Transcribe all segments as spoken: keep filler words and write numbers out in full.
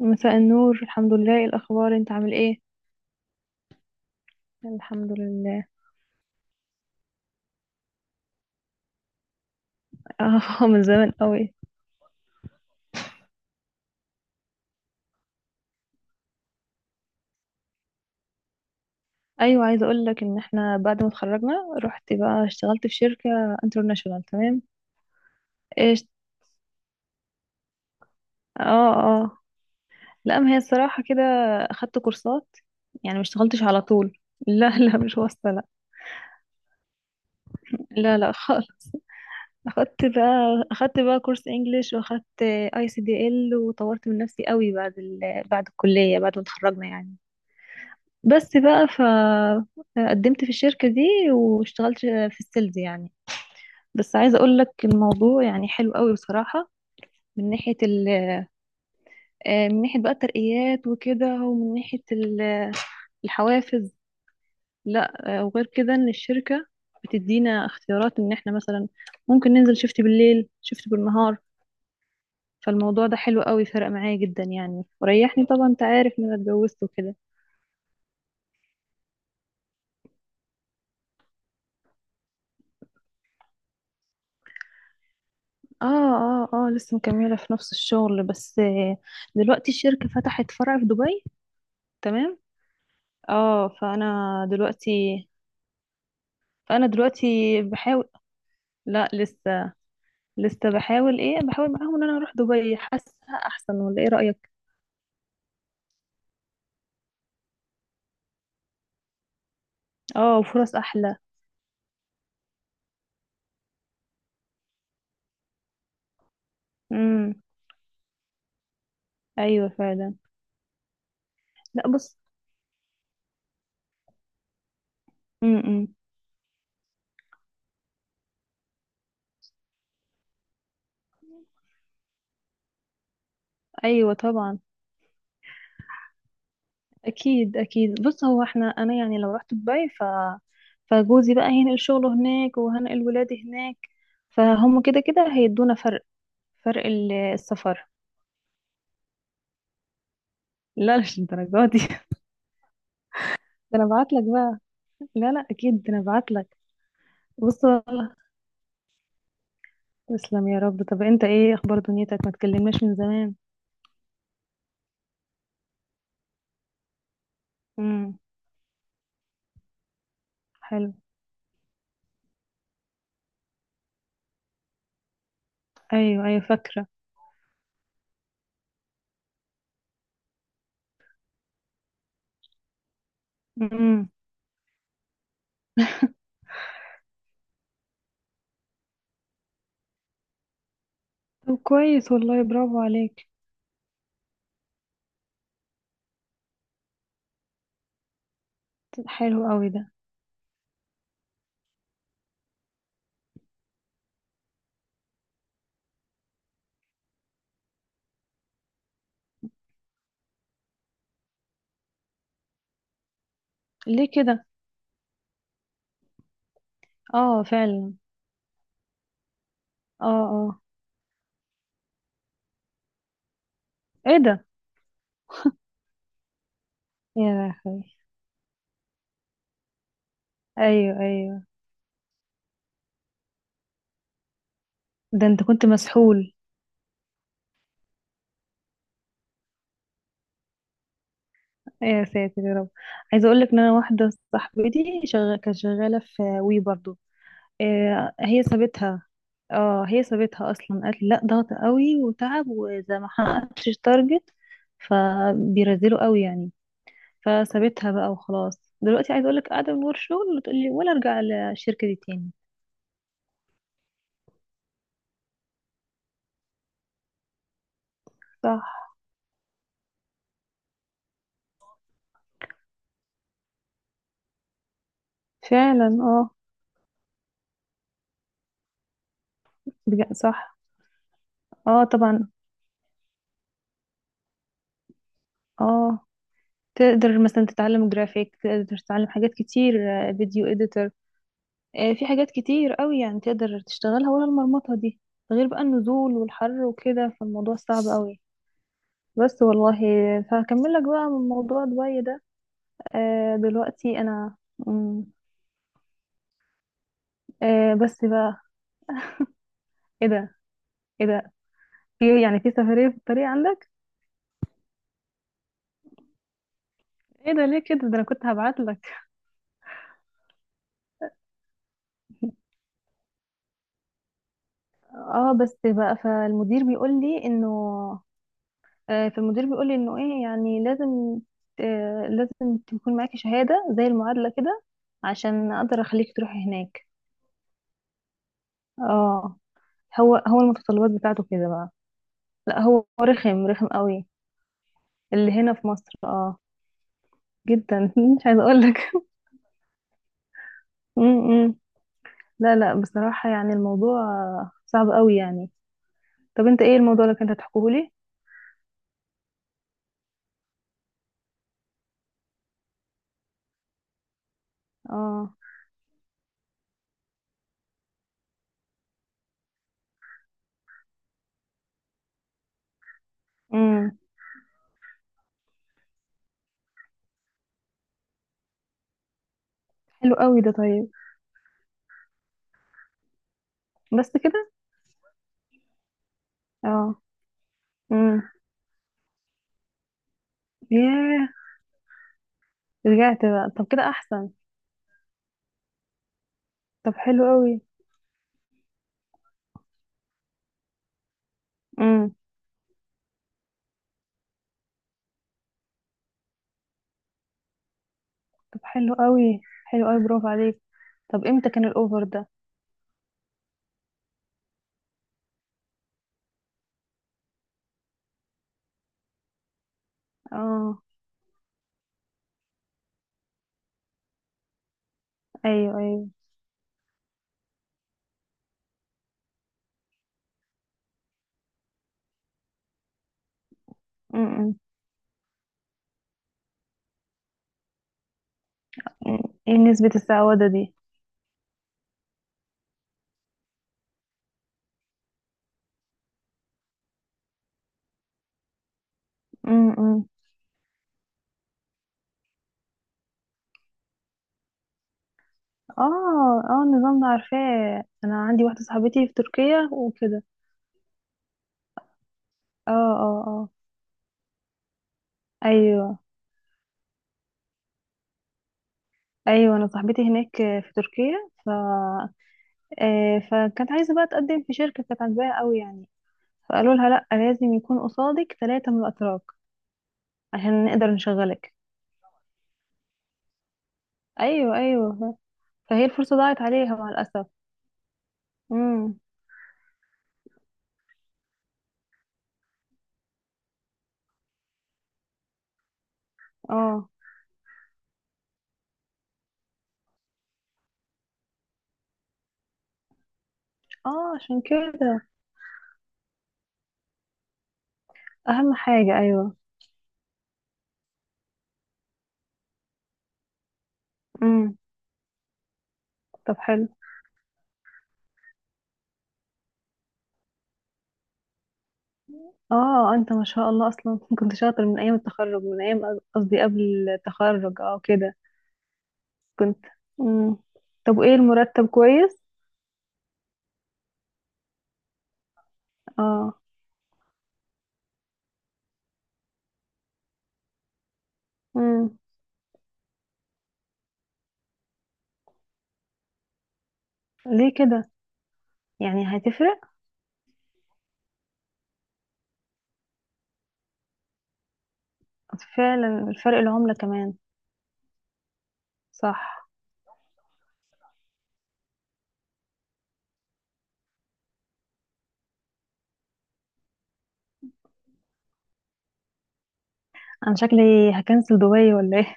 مساء النور، الحمد لله. إيه الاخبار؟ انت عامل ايه؟ الحمد لله. اه، من زمان قوي. ايوه، عايزه اقول لك ان احنا بعد ما اتخرجنا رحت بقى اشتغلت في شركه انترناشونال. تمام. ايش؟ اه. اه. لا، ما هي الصراحه كده، اخدت كورسات، يعني ما اشتغلتش على طول. لا، لا، مش واصله، لا. لا لا خالص. اخدت بقى اخدت بقى كورس انجليش، واخدت اي سي دي ال، وطورت من نفسي قوي بعد ال... بعد الكليه، بعد ما اتخرجنا يعني. بس بقى فقدمت في الشركة دي واشتغلت في السيلز يعني. بس عايزة اقول لك الموضوع يعني حلو قوي بصراحة. من ناحية ال آه، من ناحية بقى الترقيات وكده، ومن ناحية ال- آه، الحوافز. لا، آه، وغير كده ان الشركة بتدينا اختيارات ان احنا مثلا ممكن ننزل شفت بالليل شفت بالنهار. فالموضوع ده حلو قوي، فرق معايا جدا يعني، وريحني. طبعا انت عارف ان انا اتجوزت وكده. اه اه اه، لسه مكملة في نفس الشغل. بس آه، دلوقتي الشركة فتحت فرع في دبي. تمام. اه، فانا دلوقتي فانا دلوقتي بحاول. لا، لسه. لسه بحاول ايه بحاول معاهم ان انا اروح دبي. حاسة احسن، ولا ايه رأيك؟ اه، وفرص احلى. امم. ايوه، فعلا. لا، بص. امم. ايوه طبعا. اكيد اكيد، بص هو احنا انا يعني لو رحت دبي، ف فجوزي بقى هينقل شغله هناك، وهنقل ولادي هناك. فهم كده كده هيدونا فرق. فرق ال- السفر. لا، مش الدرجات دي. ده انا ابعت لك بقى. لا لا، اكيد ده انا ابعت لك. بص والله. تسلم يا رب. طب انت ايه اخبار دنيتك؟ ما تكلمناش من زمان. امم. حلو. ايوه ايوه، فاكره. امم. طب كويس والله، برافو عليك. حلو قوي ده. ليه كده؟ اه فعلا. اه. اه. ايه ده؟ يا لهوي. ايوه ايوه. ده انت كنت مسحول. يا ساتر يا رب. عايزه اقول لك ان انا واحده صاحبتي شغاله كانت شغاله في وي برضو. آه، هي سابتها. اه، هي سابتها اصلا، قالت لي لا، ضغط قوي وتعب، وزي ما حققتش التارجت، فبيرزلوا قوي يعني. فسابتها بقى وخلاص. دلوقتي عايز اقول لك قاعده من ورا شغل، وتقول لي ولا ارجع للشركه دي تاني؟ صح، فعلا. اه، بج- صح. اه طبعا. اه، تقدر مثلا تتعلم جرافيك، تقدر تتعلم حاجات كتير. آه، فيديو اديتور. آه، في حاجات كتير قوي يعني تقدر تشتغلها، ولا المرمطه دي؟ غير بقى النزول والحر وكده، فالموضوع صعب قوي. بس والله. فهكمل لك بقى من موضوع دبي ده. آه دلوقتي انا، مم، آه بس بقى. ايه ده؟ ايه ده؟ في يعني في سفرية في الطريق عندك؟ ايه ده؟ ليه كده؟ ده انا كنت هبعت لك. اه، بس بقى، فالمدير بيقول لي انه آه فالمدير بيقول لي انه ايه يعني لازم آه لازم تكون معاكي شهادة زي المعادلة كده، عشان اقدر اخليك تروحي هناك. اه، هو هو المتطلبات بتاعته كده بقى. لا، هو رخم رخم قوي اللي هنا في مصر. اه، جدا. مش عايزه اقول لك. م- م. لا لا، بصراحه يعني الموضوع صعب قوي يعني. طب انت ايه الموضوع اللي كنت هتحكيه لي؟ اه. امم. حلو قوي ده، طيب. بس كده. اه. امم. ياه. رجعت بقى؟ طب كده احسن. طب حلو قوي. امم. طب حلو قوي، حلو قوي، برافو عليك. طب امتى كان الاوفر ده؟ اه. ايوه ايوه. امم. ايه نسبة السعودة دي؟ امم. اه اه، النظام ده عارفاه، انا عندي واحده صاحبتي في تركيا وكده. اه. اه. اه. ايوه ايوه، انا صاحبتي هناك في تركيا ف آه فكانت عايزه بقى تقدم في شركه كانت عاجباها قوي يعني. فقالوا لها لا، لازم يكون قصادك ثلاثه من الاتراك، عشان نقدر نشغلك. ايوه ايوه، ف- فهي الفرصه ضاعت عليها مع الاسف. امم. اه اه، عشان كده اهم حاجه. ايوه. امم. طب حلو. اه، انت ما شاء الله اصلا. كنت شاطر من ايام التخرج من ايام، قصدي، قبل التخرج، اه كده. كنت. مم. طب وايه المرتب؟ كويس. اه. مم. ليه كده؟ يعني هتفرق. فعلا، الفرق العملة كمان. صح. انا شكلي هكنسل دبي، ولا ايه؟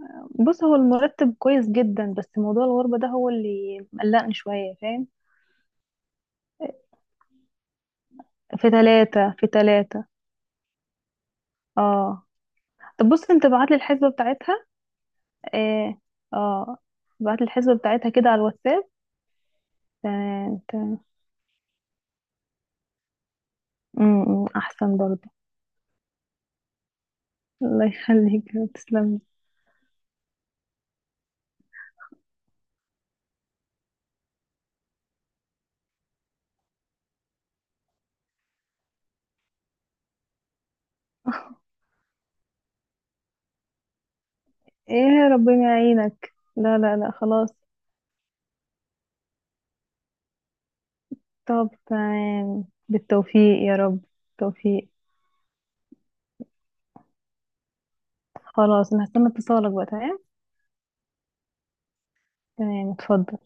بص هو المرتب كويس جدا، بس موضوع الغربة ده هو اللي مقلقني شوية، فاهم؟ في ثلاثة، في ثلاثة. اه، طب بص، انت بعتلي الحسبة بتاعتها. ايه. اه. بعت الحسبة بتاعتها كده على الواتساب. تمام، تمام. أمم، احسن برضه. الله يخليك، تسلم. ايه، ربنا يعينك. لا لا لا، خلاص. طب تمام، بالتوفيق يا رب. بالتوفيق. خلاص، انا هستنى اتصالك بقى. تمام. تمام، اتفضل.